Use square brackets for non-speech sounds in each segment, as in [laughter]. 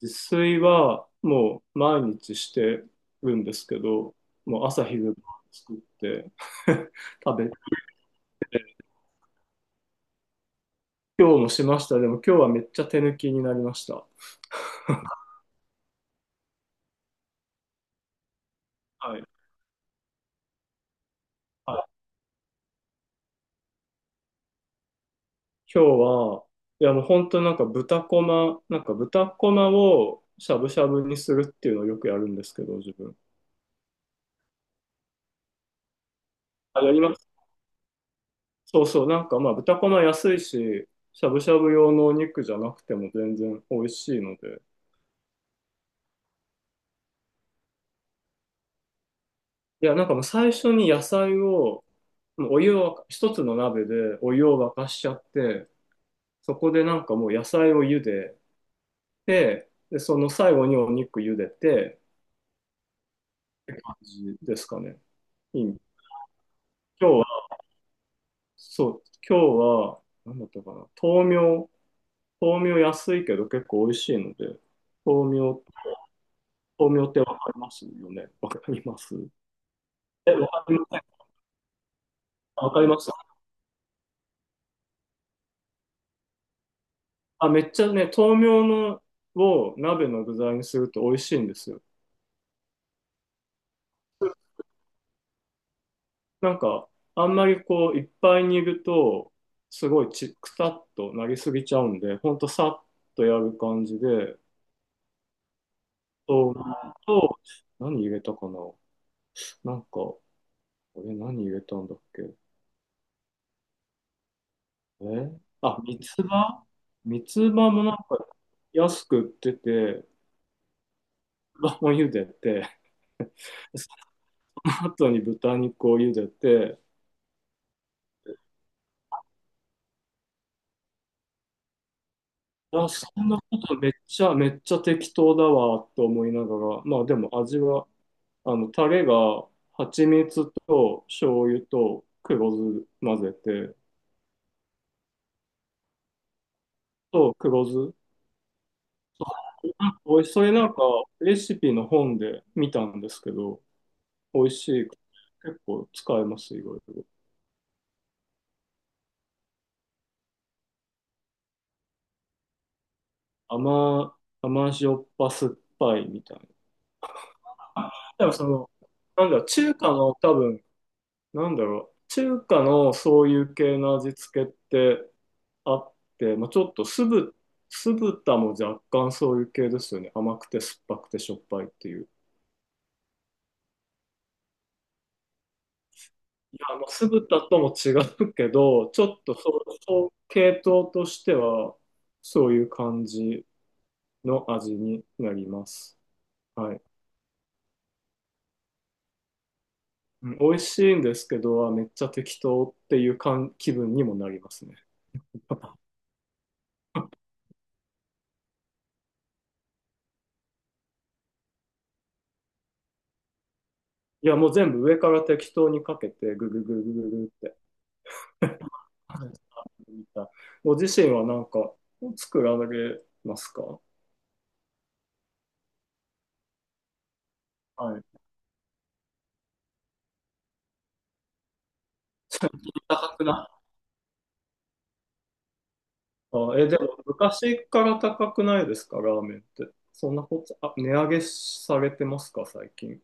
自炊はもう毎日してるんですけど、もう朝昼晩作って [laughs] 食べて、今日もしました。でも今日はめっちゃ手抜きになりました。はい。はい、今日は、いやもう本当なんか豚こま、なんか豚こまをしゃぶしゃぶにするっていうのをよくやるんですけど、自分。あ、やります。そうそう、なんかまあ豚こま安いし、しゃぶしゃぶ用のお肉じゃなくても全然美味しいので、いや、なんかもう最初に野菜を、もうお湯を沸か、一つの鍋でお湯を沸かしちゃって、そこでなんかもう野菜を茹でて、で、その最後にお肉茹でて、感じですかね。いい今日は、そう、今日は、なんだったかな、豆苗、豆苗安いけど結構美味しいので、豆苗、豆苗ってわかりますよね。わかります？え、わかりません。わかります。あ、めっちゃね、豆苗のを鍋の具材にすると美味しいんですよ。なんか、あんまりこう、いっぱいにいると、すごいちくたっとなりすぎちゃうんで、ほんとさっとやる感じで、豆腐と何入れたかな。なんか、これ何入れたんだっけ？えあ、三つ葉もなんか安く売ってて、三つ葉も茹でて、その後に豚肉を茹でて、あ、そんなことめっちゃ、めっちゃ適当だわと思いながら、まあでも味は、あの、タレが蜂蜜と醤油と黒酢混ぜて、と黒酢。おい、それなんかレシピの本で見たんですけど、美味しい。結構使えます、いろいろ。甘、甘塩っぱ酸っぱいみたいな。でもその、なんだ、中華の多分、なんだろう、中華のそういう系の味付けってあって、まあ、ちょっと酢豚も若干そういう系ですよね。甘くて酸っぱくてしょっぱいっていう。いや、まあ、酢豚とも違うけど、ちょっとそう系統としては、そういう感じの味になります。はい。うん、美味しいんですけど、あめっちゃ適当っていう感気分にもなりますね。[laughs] いや、もう全部上から適当にかけて、ぐぐぐぐぐぐって。[laughs] はい。ご自身はなんか作られますか？はい。高くなあ、え、でも昔から高くないですか、ラーメンって。そんなこと、あ、値上げされてますか、最近。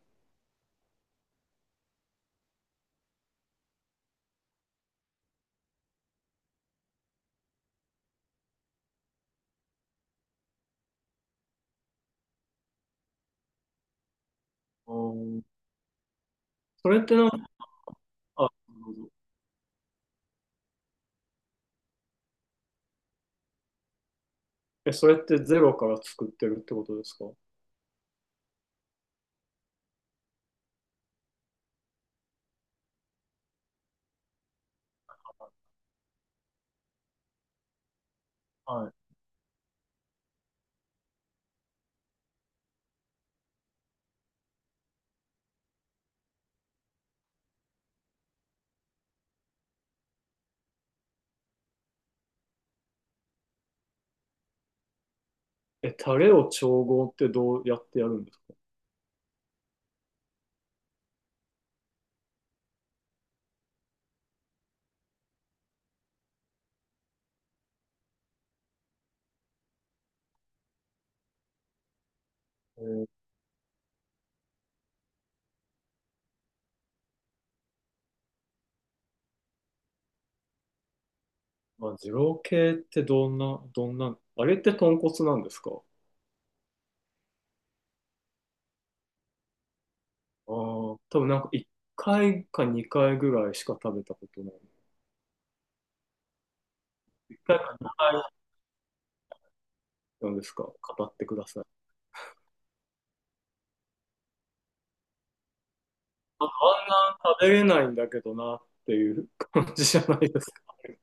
うん。それってなんか、あ、なるほど。え、それってゼロから作ってるってことですか？はい。え、タレを調合ってどうやってやるんですか？えー、まあ、二郎系ってどんな、あれって豚骨なんですか？ああー、多分なんか1回か2回ぐらいしか食べたことない。1回かいなんですか、語ってください。ああんな食べれないんだけどなっていう感じじゃないですか。[laughs]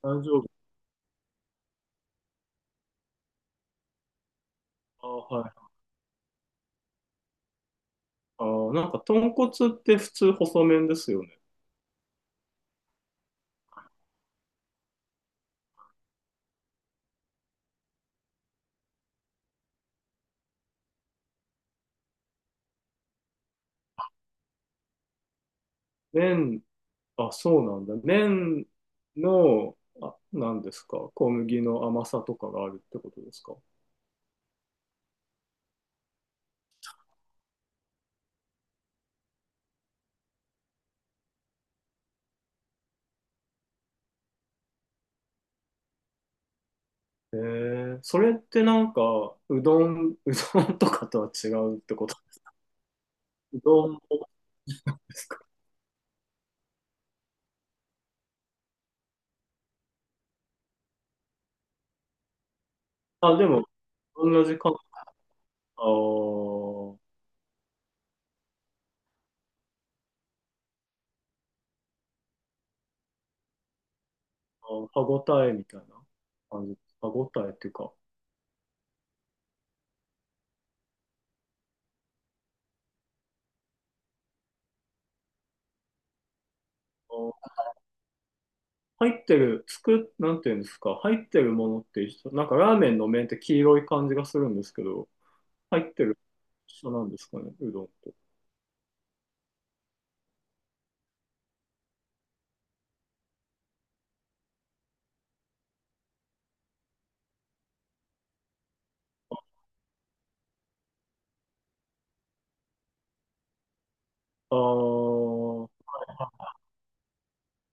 大丈夫。あ、はい。あー、なんか豚骨って普通細麺ですよね。麺、あ、そうなんだ。麺の、あ、なんですか、小麦の甘さとかがあるってことですか。へえ、それってなんか、うどん、[laughs] うどんとかとは違うってこと。うどんもですか。あ、でも、同じ感。あー歯ごたえみたいな感じ。歯ごたえっていうか、入ってる、つく、なんていうんですか、入ってるものって一緒、なんかラーメンの麺って黄色い感じがするんですけど、入ってる一緒なんですかね、うどんと。あー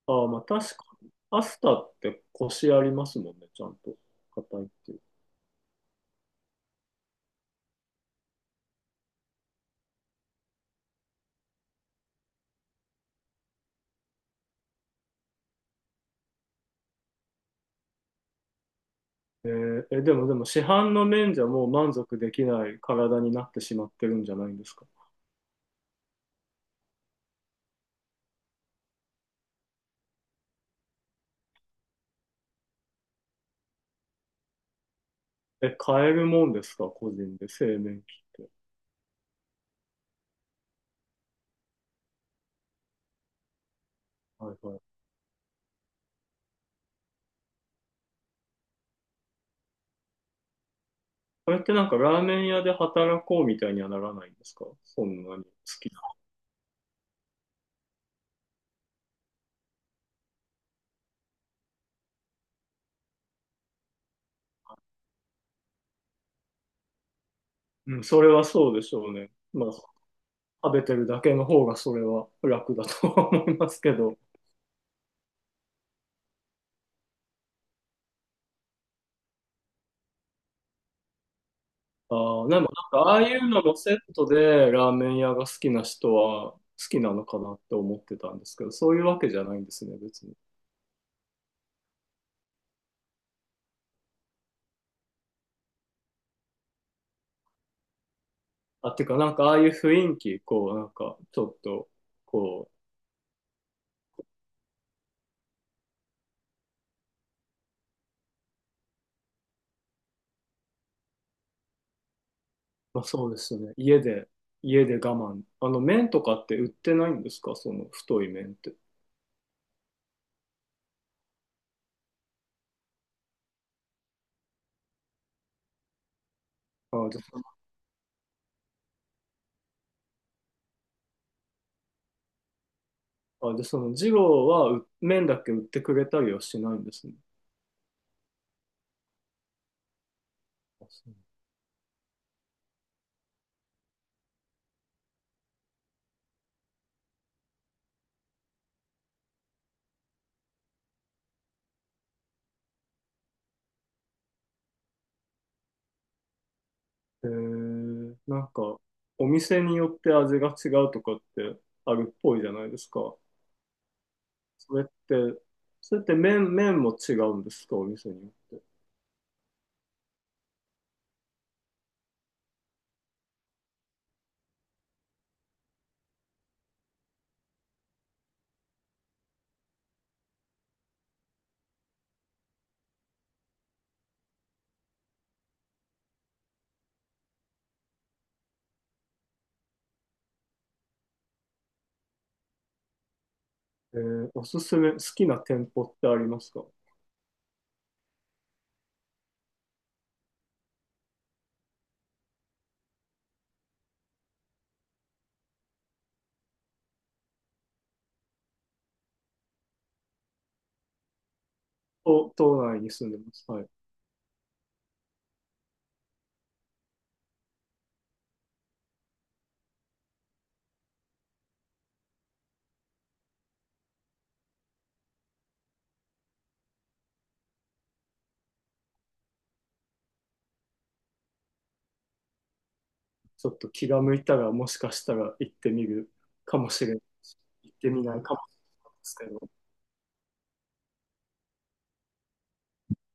あー、まあ確かに。パスタってコシありますもんね、ちゃんと。硬いっていう。ええ、でも市販の麺じゃもう満足できない体になってしまってるんじゃないんですか。え、買えるもんですか、個人で、製麺機って。はいはい。それってなんかラーメン屋で働こうみたいにはならないんですか？そんなに好き。うん、それはそうでしょうね。まあ、食べてるだけの方がそれは楽だとは思いますけど。[laughs] ああ、でもなんかああいうのもセットでラーメン屋が好きな人は好きなのかなって思ってたんですけど、そういうわけじゃないんですね、別に。あ、てかなんかああいう雰囲気、こうなんかちょっと、こう、まあそうですね、家で、家で我慢。あの麺とかって売ってないんですかその太い麺って。あ、で、その、あ、で、その二郎はう麺だけ売ってくれたりはしないんですね。あ、そう。へえ。なんか、お店によって味が違うとかってあるっぽいじゃないですか。それって、それって麺も違うんですか、お店によって。おすすめ、好きな店舗ってありますか？都内に住んでます。はい。ちょっと気が向いたら、もしかしたら行ってみるかもしれないし行ってみないかもしれないですけど。